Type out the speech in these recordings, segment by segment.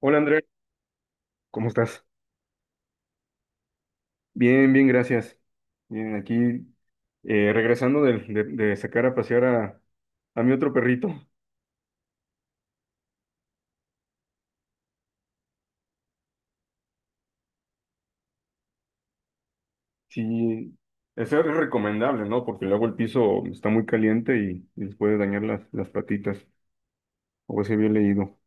Hola Andrea, ¿cómo estás? Bien, bien, gracias. Bien, aquí regresando de sacar a pasear a mi otro perrito. Sí, eso es recomendable, ¿no? Porque luego el piso está muy caliente y les puede dañar las patitas, o así había leído.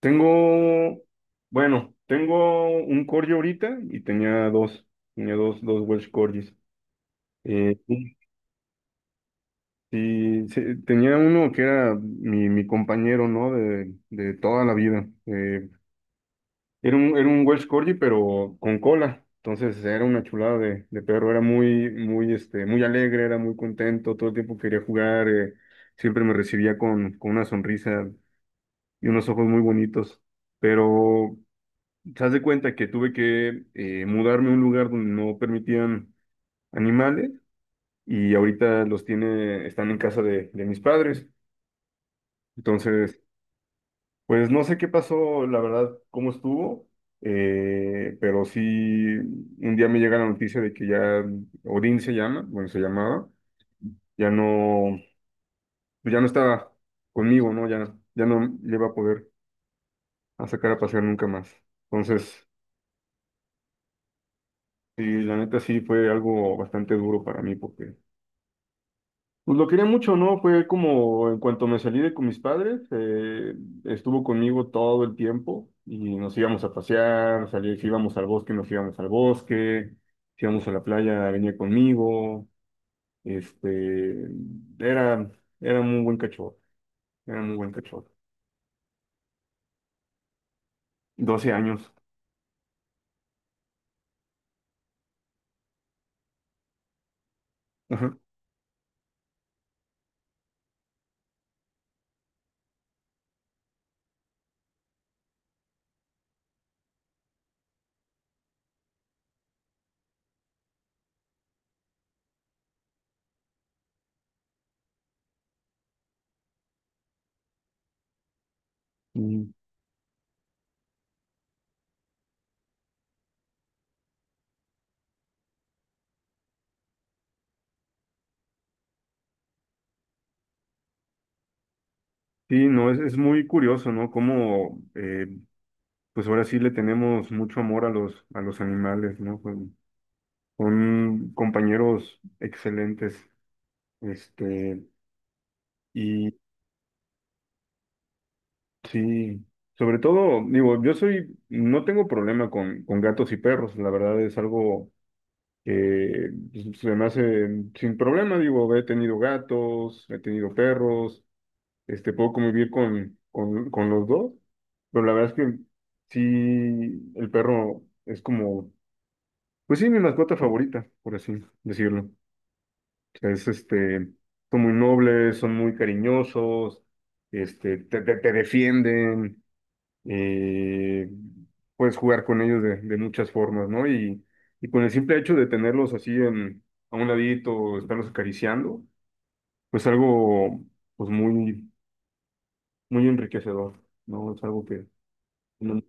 Tengo, bueno, tengo un corgi ahorita y tenía dos Welsh Corgis. Eh, Sí, sí, tenía uno que era mi compañero, ¿no? De toda la vida. Era un Welsh Corgi, pero con cola. Entonces era una chulada de perro. Era muy, muy, muy alegre, era muy contento. Todo el tiempo quería jugar. Siempre me recibía con una sonrisa y unos ojos muy bonitos. Pero te das de cuenta que tuve que mudarme a un lugar donde no permitían animales y ahorita los tiene, están en casa de mis padres. Entonces, pues no sé qué pasó, la verdad, cómo estuvo, pero sí, un día me llega la noticia de que ya Odín se llama, bueno, se llamaba, ya no, pues ya no estaba conmigo, ¿no? Ya no le iba a poder a sacar a pasear nunca más. Entonces, sí, la neta sí fue algo bastante duro para mí porque pues lo quería mucho, ¿no? Fue como en cuanto me salí de con mis padres, estuvo conmigo todo el tiempo y nos íbamos a pasear, si íbamos al bosque, nos íbamos al bosque, si íbamos a la playa, venía conmigo, este, era, era muy buen cachorro, era muy buen cachorro. 12 años. Ajá. Mm. Sí, no, es muy curioso, ¿no? Cómo, pues ahora sí le tenemos mucho amor a a los animales, ¿no? Son compañeros excelentes. Este, y sí, sobre todo, digo, no tengo problema con gatos y perros, la verdad es algo que pues, se me hace sin problema, digo, he tenido gatos, he tenido perros, puedo convivir con los dos, pero la verdad es que sí, el perro es como, pues sí, mi mascota favorita, por así decirlo. Es este, Son muy nobles, son muy cariñosos, te defienden, eh, puedes jugar con ellos de muchas formas, ¿no? Y con el simple hecho de tenerlos así a un ladito, estarlos acariciando, pues algo pues muy, muy enriquecedor, ¿no? Es algo que no,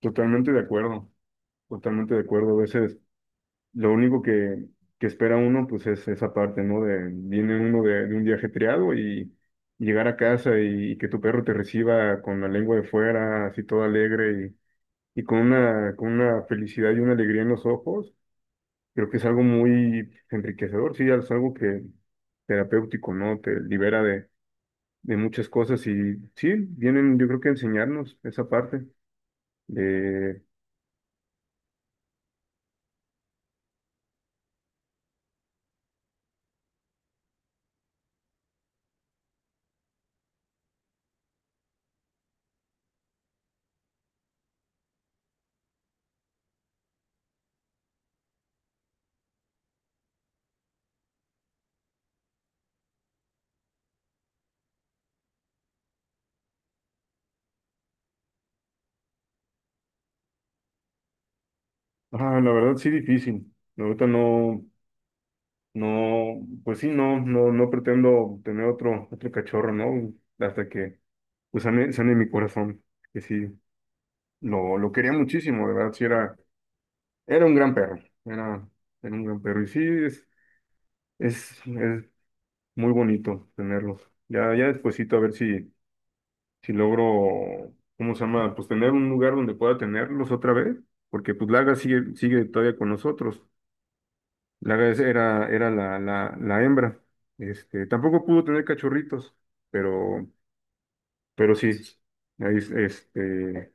totalmente de acuerdo, totalmente de acuerdo. A veces lo único que espera uno, pues es esa parte, ¿no? Viene uno de un día ajetreado y llegar a casa que tu perro te reciba con la lengua de fuera, así todo alegre y con una, felicidad y una alegría en los ojos, creo que es algo muy enriquecedor, sí, es algo que terapéutico, ¿no? Te libera de muchas cosas y sí, vienen, yo creo que a enseñarnos esa parte de, la verdad sí difícil. Ahorita no. No, pues sí, no, no, no pretendo tener otro cachorro, ¿no? Hasta que pues sane mi corazón, que sí, lo quería muchísimo, de verdad, sí era un gran perro, era, era un gran perro, y sí, es muy bonito tenerlos. Ya despuesito a ver si logro, ¿cómo se llama? Pues tener un lugar donde pueda tenerlos otra vez, porque pues Laga sigue todavía con nosotros. La res era la hembra. Tampoco pudo tener cachorritos, pero, pero sí. ahí es- Este,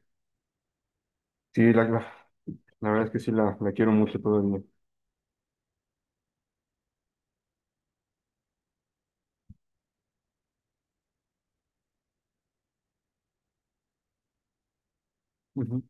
sí, la verdad es que sí la quiero mucho todavía. Ujú.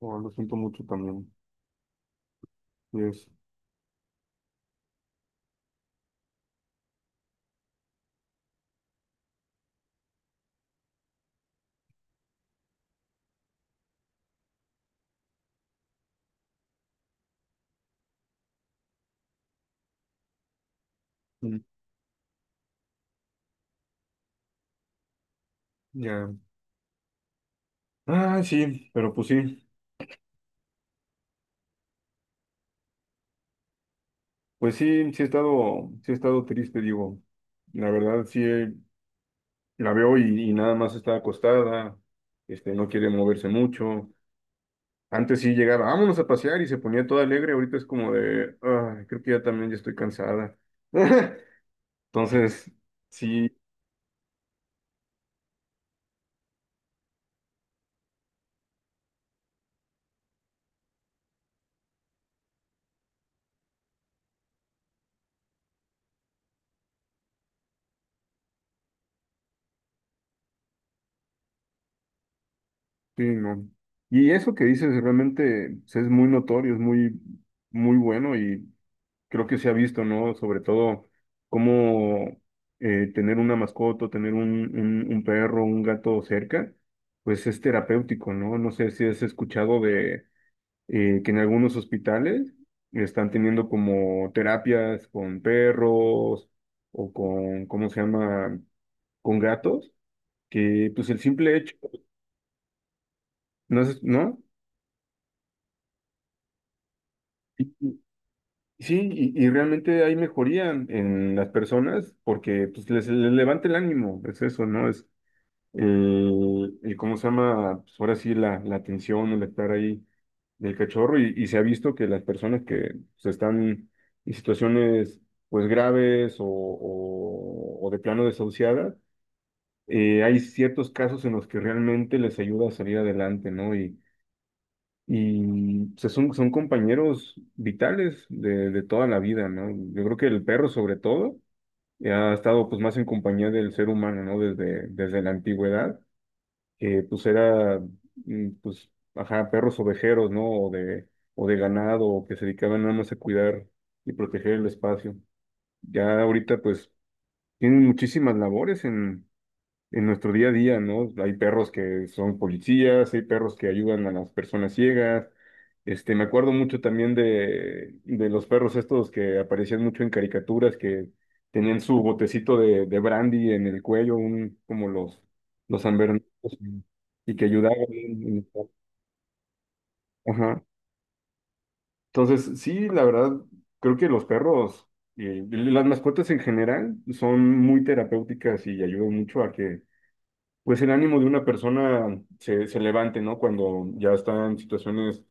Oh, lo siento mucho también. Sí, mm, ya. Ah, sí, pero pues sí. Pues sí, sí he estado triste, digo. La verdad, sí, la veo y nada más está acostada. No quiere moverse mucho. Antes sí llegaba, vámonos a pasear y se ponía toda alegre, ahorita es como de, "Ay, creo que ya también ya estoy cansada". Entonces, sí, sí, no. Y eso que dices realmente pues, es muy notorio, es muy, muy bueno y creo que se ha visto, ¿no? Sobre todo cómo tener una mascota, tener un perro, un gato cerca, pues es terapéutico, ¿no? No sé si has escuchado de que en algunos hospitales están teniendo como terapias con perros o con, ¿cómo se llama? Con gatos, que pues el simple hecho, no es, ¿no? Y- y- Sí, y realmente hay mejoría en las personas porque pues les levanta el ánimo, es eso, ¿no? Eh, ¿Cómo se llama? Pues ahora sí, la atención, el estar ahí del cachorro y se ha visto que las personas que se están en situaciones pues graves o de plano desahuciadas, hay ciertos casos en los que realmente les ayuda a salir adelante, ¿no? Y o sea, son compañeros vitales de toda la vida, ¿no? Yo creo que el perro sobre todo ha estado pues más en compañía del ser humano, ¿no? Desde la antigüedad que pues era, pues, ajá, perros ovejeros, ¿no? O de ganado, o que se dedicaban nada más a cuidar y proteger el espacio. Ya ahorita, pues, tienen muchísimas labores en nuestro día a día, ¿no? Hay perros que son policías, hay perros que ayudan a las personas ciegas. Me acuerdo mucho también de los perros estos que aparecían mucho en caricaturas, que tenían su botecito de brandy en el cuello, como los San Bernardos, y que ayudaban. Ajá. Entonces, sí, la verdad, creo que los perros y las mascotas en general son muy terapéuticas y ayudan mucho pues el ánimo de una persona se levante, ¿no? Cuando ya está en situaciones,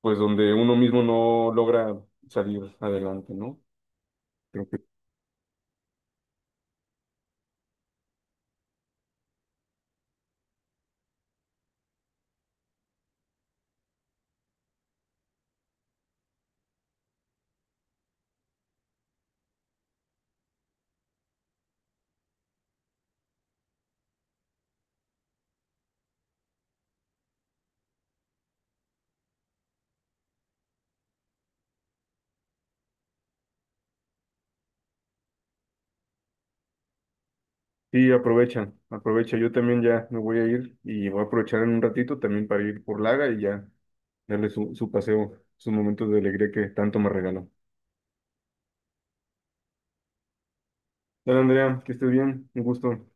pues donde uno mismo no logra salir adelante, ¿no? Creo que sí, aprovecha, aprovecha. Yo también ya me voy a ir y voy a aprovechar en un ratito también para ir por Laga y ya darle su paseo, sus momentos de alegría que tanto me regaló. Dale, Andrea, que estés bien, un gusto.